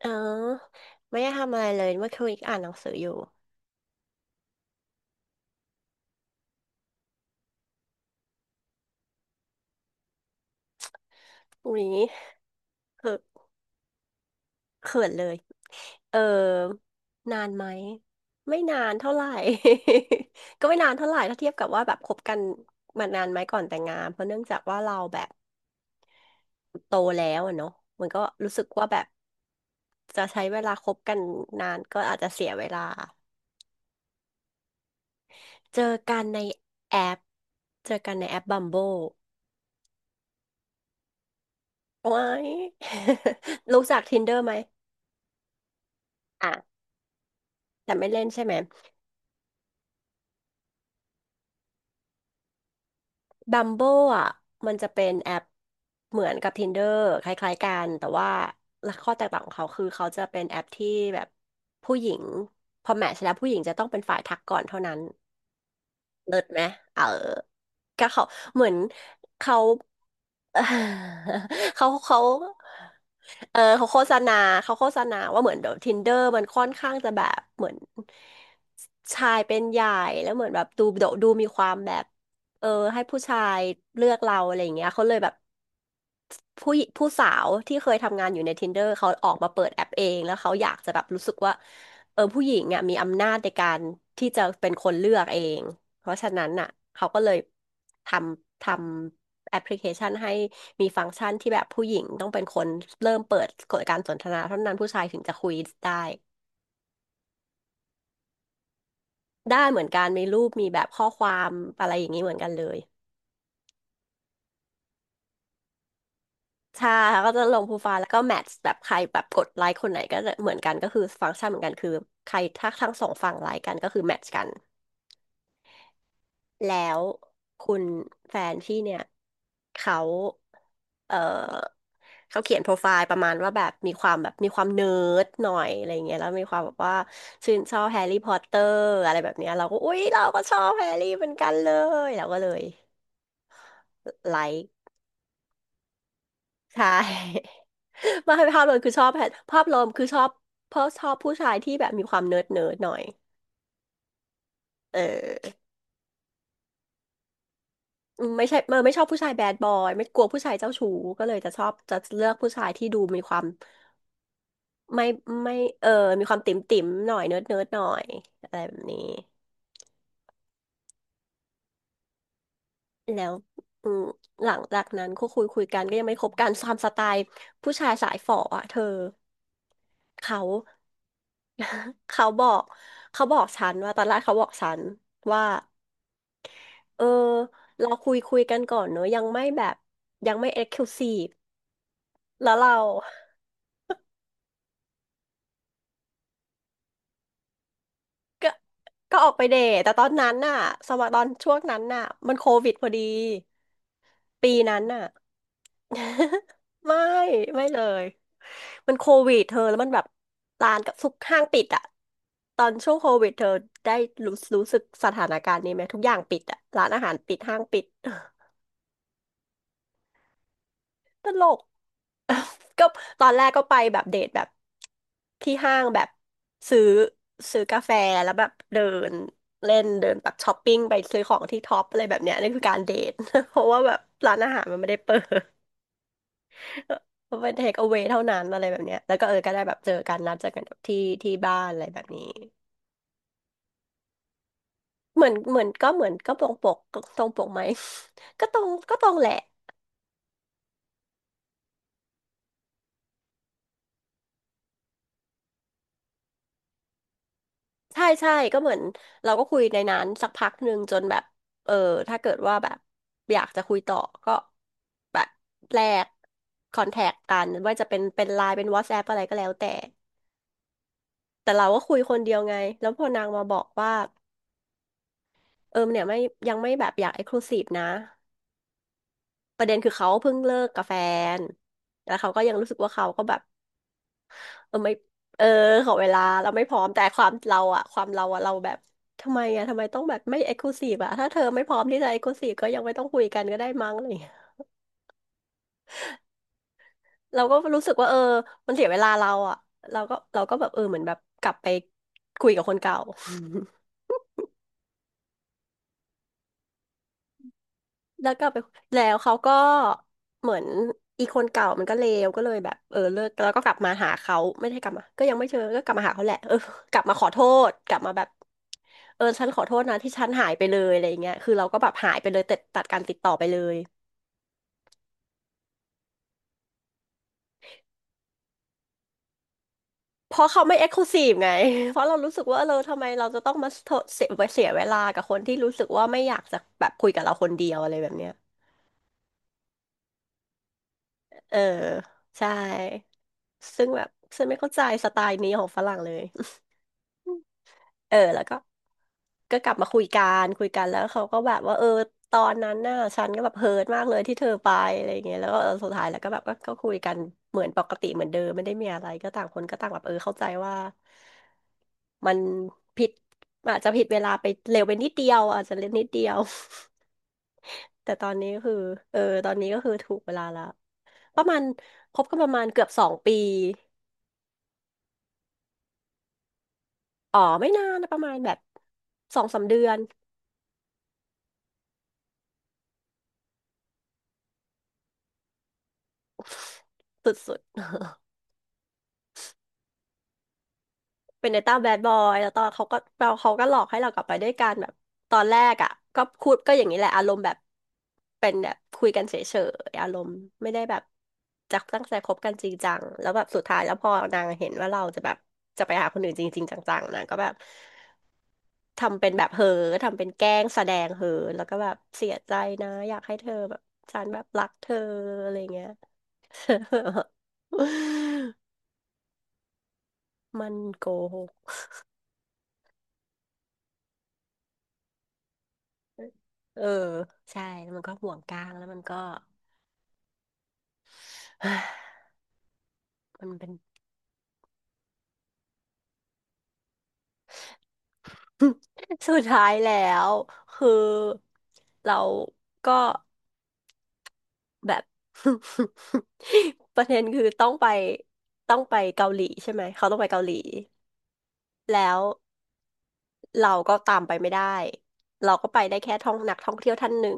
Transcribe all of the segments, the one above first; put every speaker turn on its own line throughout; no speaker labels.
เออไม่ได้ทำอะไรเลยเมื่อคืนอ่านหนังสืออยู่อุ้ยเขินเขินเลยเออนานไหมไม่นานเท่าไหร่ ก็ไม่นานเท่าไหร่ถ้าเทียบกับว่าแบบคบกันมานานไหมก่อนแต่งงานเพราะเนื่องจากว่าเราแบบโตแล้วอะเนาะมันก็รู้สึกว่าแบบจะใช้เวลาคบกันนานก็อาจจะเสียเวลาเจอกันในแอปเจอกันในแอปบัมโบว้าย รู้จัก Tinder ไหมอ่ะแต่ไม่เล่นใช่ไหม บัมโบอ่ะมันจะเป็นแอปเหมือนกับ Tinder คล้ายๆกันแต่ว่าข้อแตกต่างของเขาคือเขาจะเป็นแอปที่แบบผู้หญิงพอแมทช์แล้วผู้หญิงจะต้องเป็นฝ่ายทักก่อนเท่านั้นเลิศไหมเออก็เขาเหมือนเขา เขาเขา เขาโฆษณาเขาโฆษณาว่าเหมือนเดี๋ยว Tinder มันค่อนข้างจะแบบเหมือนชายเป็นใหญ่แล้วเหมือนแบบดูมีความแบบเออให้ผู้ชายเลือกเราอะไรอย่างเงี้ยเขาเลยแบบผู้หญิผู้สาวที่เคยทำงานอยู่ใน Tinder เขาออกมาเปิดแอปเองแล้วเขาอยากจะแบบรู้สึกว่าเออผู้หญิงอ่ะมีอำนาจในการที่จะเป็นคนเลือกเองเพราะฉะนั้นอ่ะเขาก็เลยททำ แอปพลิเคชันให้มีฟังก์ชันที่แบบผู้หญิงต้องเป็นคนเริ่มเปิดกดการสนทนาเท่านั้นผู้ชายถึงจะคุยได้ได้เหมือนกันมีรูปมีแบบข้อความอะไรอย่างนี้เหมือนกันเลยใช่แล้วก็จะลงโปรไฟล์แล้วก็แมทช์แบบใครแบบกดไลค์คนไหนก็จะเหมือนกันก็คือฟังก์ชันเหมือนกันคือใครถ้าทั้งสองฝั่งไลค์กันก็คือแมทช์กัน แล้วคุณแฟนพี่เนี่ยเขาเออเขาเขียนโปรไฟล์ประมาณว่าแบบมีความแบบมีความเนิร์ดหน่อยอะไรเงี้ยแล้วมีความแบบว่าชื่นชอบแฮร์รี่พอตเตอร์อะไรแบบเนี้ยเราก็อุ๊ยเราก็ชอบแฮร์รี่เหมือนกันเลยเราก็เลยไลค์ใช่ ไมาให้ภาพรวมคือชอบแฮร์ภาพรวมคือชอบเพราะชอบผู้ชายที่แบบมีความเนิร์ดเนิร์ดหน่อยเออ อืมไม่ใช่ไม่ชอบผู้ชายแบดบอยไม่กลัวผู้ชายเจ้าชู้ก็เลยจะชอบจะเลือกผู้ชายที่ดูมีความไม่ไม่เออมีความติ่มติ่มหน่อยเนิร์ดเนิร์ดหน่อยอะไรแบบนี้แล้วอืมหลังจากนั้นก็คุยกันก็ยังไม่คบกันตามสไตล์ผู้ชายสายฝ่ออ่ะเธอเขา เขาบอกเขาบอกฉันว่าตอนแรกเขาบอกฉันว่าเออเราคุยกันก่อนเนอะยังไม่แบบยังไม่เอ็กซ์คลูซีฟแล้วเรา ก็ก็ออกไปเดทแต่ตอนนั้นน่ะสมัยตอนช่วงนั้นน่ะมันโควิดพอดีปีนั้นน่ะ ไม่ไม่เลยมันโควิดเธอแล้วมันแบบร้านกับทุกห้างปิดอ่ะตอนช่วงโควิดเธอได้รู้สึกสถานการณ์นี้ไหมทุกอย่างปิดอ่ะร้านอาหารปิดห้างปิด ตลก ก็ตอนแรกก็ไปแบบเดทแบบที่ห้างแบบซื้อซื้อกาแฟแล้วแบบเดินเล่นเดินแบบช้อปปิ้งไปซื้อของที่ท็อปอะไรแบบเนี้ยนี่คือการเดท เพราะว่าแบบร้านอาหารมันไม่ได้เปิด มันเป็นเทคเอาเวเท่านั้นอะไรแบบเนี้ยแล้วก็เออก็ได้แบบเจอกันนัดเจอกันที่บ้านอะไรแบบนี้เหมือนก็เหมือนก็ตรงปกตรงปกไหม ก็ตรงแหละ ใช่ใช่ก็เหมือนเราก็คุยในนั้นสักพักหนึ่งจนแบบเออถ้าเกิดว่าแบบอยากจะคุยต่อก็แบบแลกคอนแทคกันว่าจะเป็นไลน์เป็น WhatsApp อทส์แอปอะไรก็แล้วแต่แต่เราก็คุยคนเดียวไงแล้วพอนางมาบอกว่าเออเนี่ยไม่ยังไม่แบบอยากเอ็กซ์คลูซีฟนะประเด็นคือเขาเพิ่งเลิกกับแฟนแล้วเขาก็ยังรู้สึกว่าเขาก็แบบ เออไม่เออขอเวลาเราไม่พร้อมแต่ความเราอะเราแบบทำไมต้องแบบไม่เอ็กซ์คลูซีฟอะถ้าเธอไม่พร้อมที่จะเอ็กซ์คลูซีฟก็ยังไม่ต้องคุยกันก็ได้มั้งอะไรอย่างเงี้ยเราก็รู้สึกว่าเออมันเสียเวลาเราอะเราก็แบบเออเหมือนแบบกลับไปคุยกับคนเก่า แล้วกลับไปแล้วเขาก็เหมือนอีคนเก่ามันก็เลวก็เลยแบบเออเลิกแล้วก็กลับมาหาเขาไม่ได้กลับมาก็ยังไม่เจอก็กลับมาหาเขาแหละเออ กลับมาขอโทษกลับมาแบบเออฉันขอโทษนะที่ฉันหายไปเลยอะไรอย่างเงี้ยคือเราก็แบบหายไปเลยตัดการติดต่อไปเลยเพราะเขาไม่เอ็กซ์คลูซีฟไง เพราะเรารู้สึกว่าเออเราทำไมเราจะต้องมาเสียเวลากับคนที่รู้สึกว่าไม่อยากจะแบบคุยกับเราคนเดียวอะไรแบบเนี้ยเออใช่ซึ่งแบบฉันไม่เข้าใจสไตล์นี้ของฝรั่งเลย เออแล้วก็กลับมาคุยกันคุยกันแล้วเขาก็แบบว่าเออตอนนั้นน่ะฉันก็แบบเฮิร์ตมากเลยที่เธอไปอะไรเงี้ยแล้วก็เออสุดท้ายแล้วก็แบบก็คุยกันเหมือนปกติเหมือนเดิมไม่ได้มีอะไรก็ต่างคนก็ต่างแบบเออเข้าใจว่ามันผิดอาจจะผิดเวลาไปเร็วไปนิดเดียวอาจจะเล็กนิดเดียว แต่ตอนนี้ก็คือเออตอนนี้ก็คือถูกเวลาแล้วประมาณคบกันประมาณเกือบ2 ปีอ๋อไม่นานนะประมาณแบบ2-3 เดือนสุดๆ เป็นในต้าแบดบอยแล้วตอนเขาก็เราเขาก็หลอกให้เรากลับไปด้วยกันแบบตอนแรกอ่ะก็พูดก็อย่างนี้แหละอารมณ์แบบเป็นแบบคุยกันเฉยๆอารมณ์ไม่ได้แบบจะตั้งใจคบกันจริงจังแล้วแบบสุดท้ายแล้วพอนางเห็นว่าเราจะแบบจะไปหาคนอื่นจริงๆจังๆนางก็แบบทำเป็นแบบเฮอทำเป็นแกล้งแสดงเฮอแล้วก็แบบเสียใจนะอยากให้เธอแบบฉันแบบรักเธออะไรเงี้ย มันโกหก เออใช่แล้วมันก็ห่วงกลางแล้วมันก็ มันเป็น สุดท้ายแล้วคือเราก็แบบ ประเด็นคือต้องไปเกาหลีใช่ไหมเขาต้องไปเกาหลีแล้วเราก็ตามไปไม่ได้เราก็ไปได้แค่ท่องนักท่องเที่ยวท่านหนึ่ง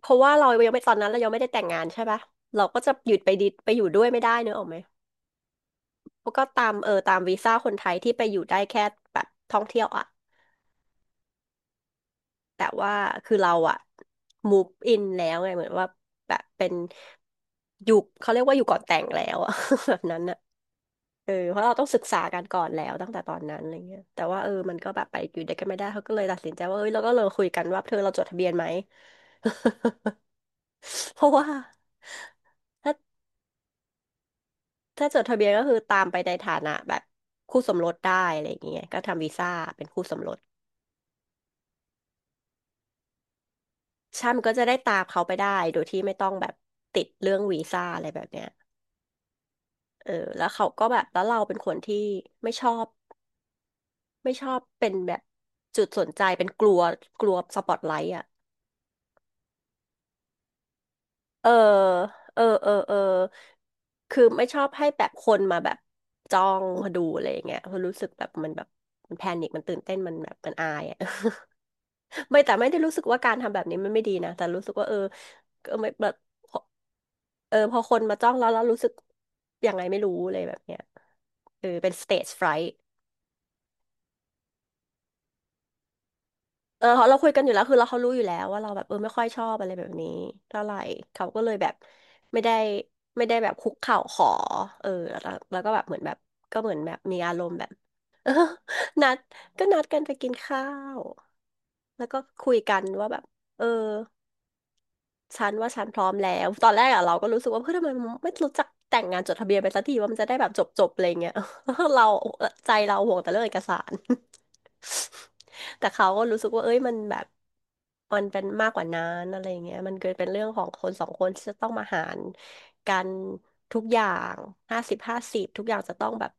เพราะว่าเรายังไม่ตอนนั้นเรายังไม่ได้แต่งงานใช่ปะเราก็จะหยุดไปดิไปอยู่ด้วยไม่ได้เนอะออกไหมแล้ก็ตามเออตามวีซ่าคนไทยที่ไปอยู่ได้แค่แบบท่องเที่ยวอ่ะ แต่ว่าคือเราอะ move in แล้วไงเหมือนว่าแบบเป็นอยู่เขาเรียกว่าอยู่ก่อนแต่งแล้วอะ แบบนั้นอะเออเพราะเราต้องศึกษากันก่อนแล้วตั้งแต่ตอนนั้นอะไรเงี้ยแต่ว่าเออมันก็แบบไปอยู่ด้วยกันไม่ได้เขาก็เลยตัดสินใจว่าเอ้ยเราก็เลยคุยกันว่าเธอเราจดทะเบียนไหม เพราะว่าถ้าถ้าจดทะเบียนก็คือตามไปในฐานะแบบคู่สมรสได้อะไรอย่างเงี้ยก็ทำวีซ่าเป็นคู่สมรสใช่มันก็จะได้ตามเขาไปได้โดยที่ไม่ต้องแบบติดเรื่องวีซ่าอะไรแบบเนี้ย เออแล้วเขาก็แบบแล้วเราเป็นคนที่ไม่ชอบไม่ชอบเป็นแบบจุดสนใจเป็นกลัวกลัวสปอตไลท์อ่ะเออเออเออเออคือไม่ชอบให้แบบคนมาแบบจ้องดูอะไรอย่างเงี้ยเพราะรู้สึกแบบมันแพนิคมันตื่นเต้นมันแบบมันอายอ่ะ ไม่แต่ไม่ได้รู้สึกว่าการทำแบบนี้มันไม่ดีนะแต่รู้สึกว่าเออเออไม่แบบพอเออพอคนมาจ้องแล้วแล้วรู้สึกยังไงไม่รู้เลยแบบเนี้ยเออเป็น stage fright เออเราคุยกันอยู่แล้วคือเราเขารู้อยู่แล้วว่าเราแบบเออไม่ค่อยชอบอะไรแบบนี้เท่าไหร่เขาก็เลยแบบไม่ได้ไม่ได้แบบคุกเข่าขอแล้วก็แบบเหมือนแบบก็เหมือนแบบมีอารมณ์แบบ นัดก็นัดกันไปกินข้าวแล้วก็คุยกันว่าแบบเออ ฉันว่าฉันพร้อมแล้วตอนแรกอะเราก็รู้สึกว่าเพื่อนทำไมไม่รู้จักแต่งงานจดทะเบียนไปสักทีว่ามันจะได้แบบจบจบอะไรเงี้ย เราใจเราห่วงแต่เรื่องเอกสาร แต่เขาก็รู้สึกว่าเอ้ยมันแบบมันเป็นมากกว่านั้นอะไรเงี้ยมันเกิดเป็นเรื่องของคนสองคนที่จะต้องมาหารกันทุกอย่าง50-50ทุกอย่างจะต้องแบบ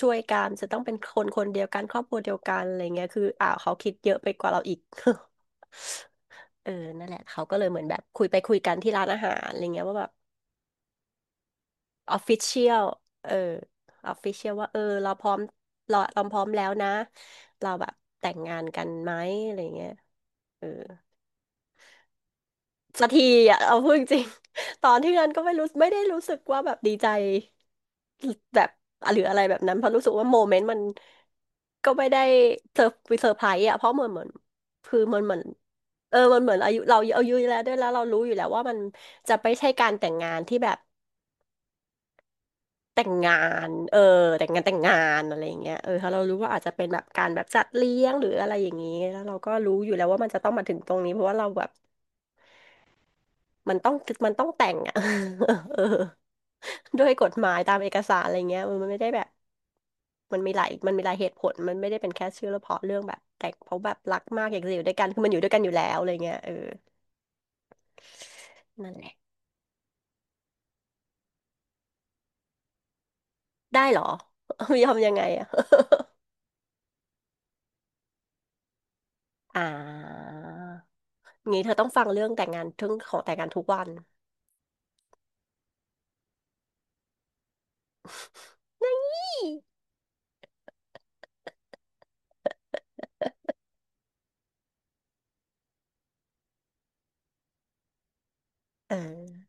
ช่วยกันจะต้องเป็นคนคนเดียวกันครอบครัวเดียวกันอะไรเงี้ยคืออ่าเขาคิดเยอะไปกว่าเราอีก เออนั่นแหละเขาก็เลยเหมือนแบบคุยไปคุยกันที่ร้านอาหารอะไรเงี้ยว่าแบบออฟฟิเชียลเออออฟฟิเชียลว่าเออเราพร้อมเราพร้อมแล้วนะเราแบบแต่งงานกันไหมอะไรเงี้ยเออ สักทีอ่ะเอาพูดจริง ตอนที่นั้นก็ไม่รู้ไม่ได้รู้สึกว่าแบบดีใจแบบหรืออะไรแบบนั้นเพราะรู้สึกว่าโมเมนต์มันก็ไม่ได้เซอร์เซอร์ไพรส์อ่ะเพราะเหมือนคือมันเหมือนเออมันเหมือนอายุเราอายุแล้วด้วยแล้วเรารู้อยู่แล้วว่ามันจะไม่ใช่การแต่งงานที่แบบแต่งงานเออแต่งงานอะไรอย่างเงี้ยเออถ้าเรารู้ว่าอาจจะเป็นแบบการแบบจัดเลี้ยงหรืออะไรอย่างนี้แล้วเราก็รู้อยู่แล้วว่ามันจะต้องมาถึงตรงนี้เพราะว่าเราแบบมันต้องมันต้องแต่งอ่ะ เออ ด้วยกฎหมายตามเอกสารอะไรเงี้ยเออมันไม่ได้แบบมันมีหลายเหตุผลมันไม่ได้เป็นแค่ชื่อลเฉพราะเรื่องแบบแต่งเพราะแบบรักมากอยากจะอยู่ด้วยกันคือมันอยู่ด้วยกันอยู่แล้วอะไรเงี้ยเออนั่นแหละได้เหรอ ยอมยังไงอะ อ่างี้เธอต้องฟังเรื่องแต่งงานทึ่งของแต่งงานทุกวัน นี่เออ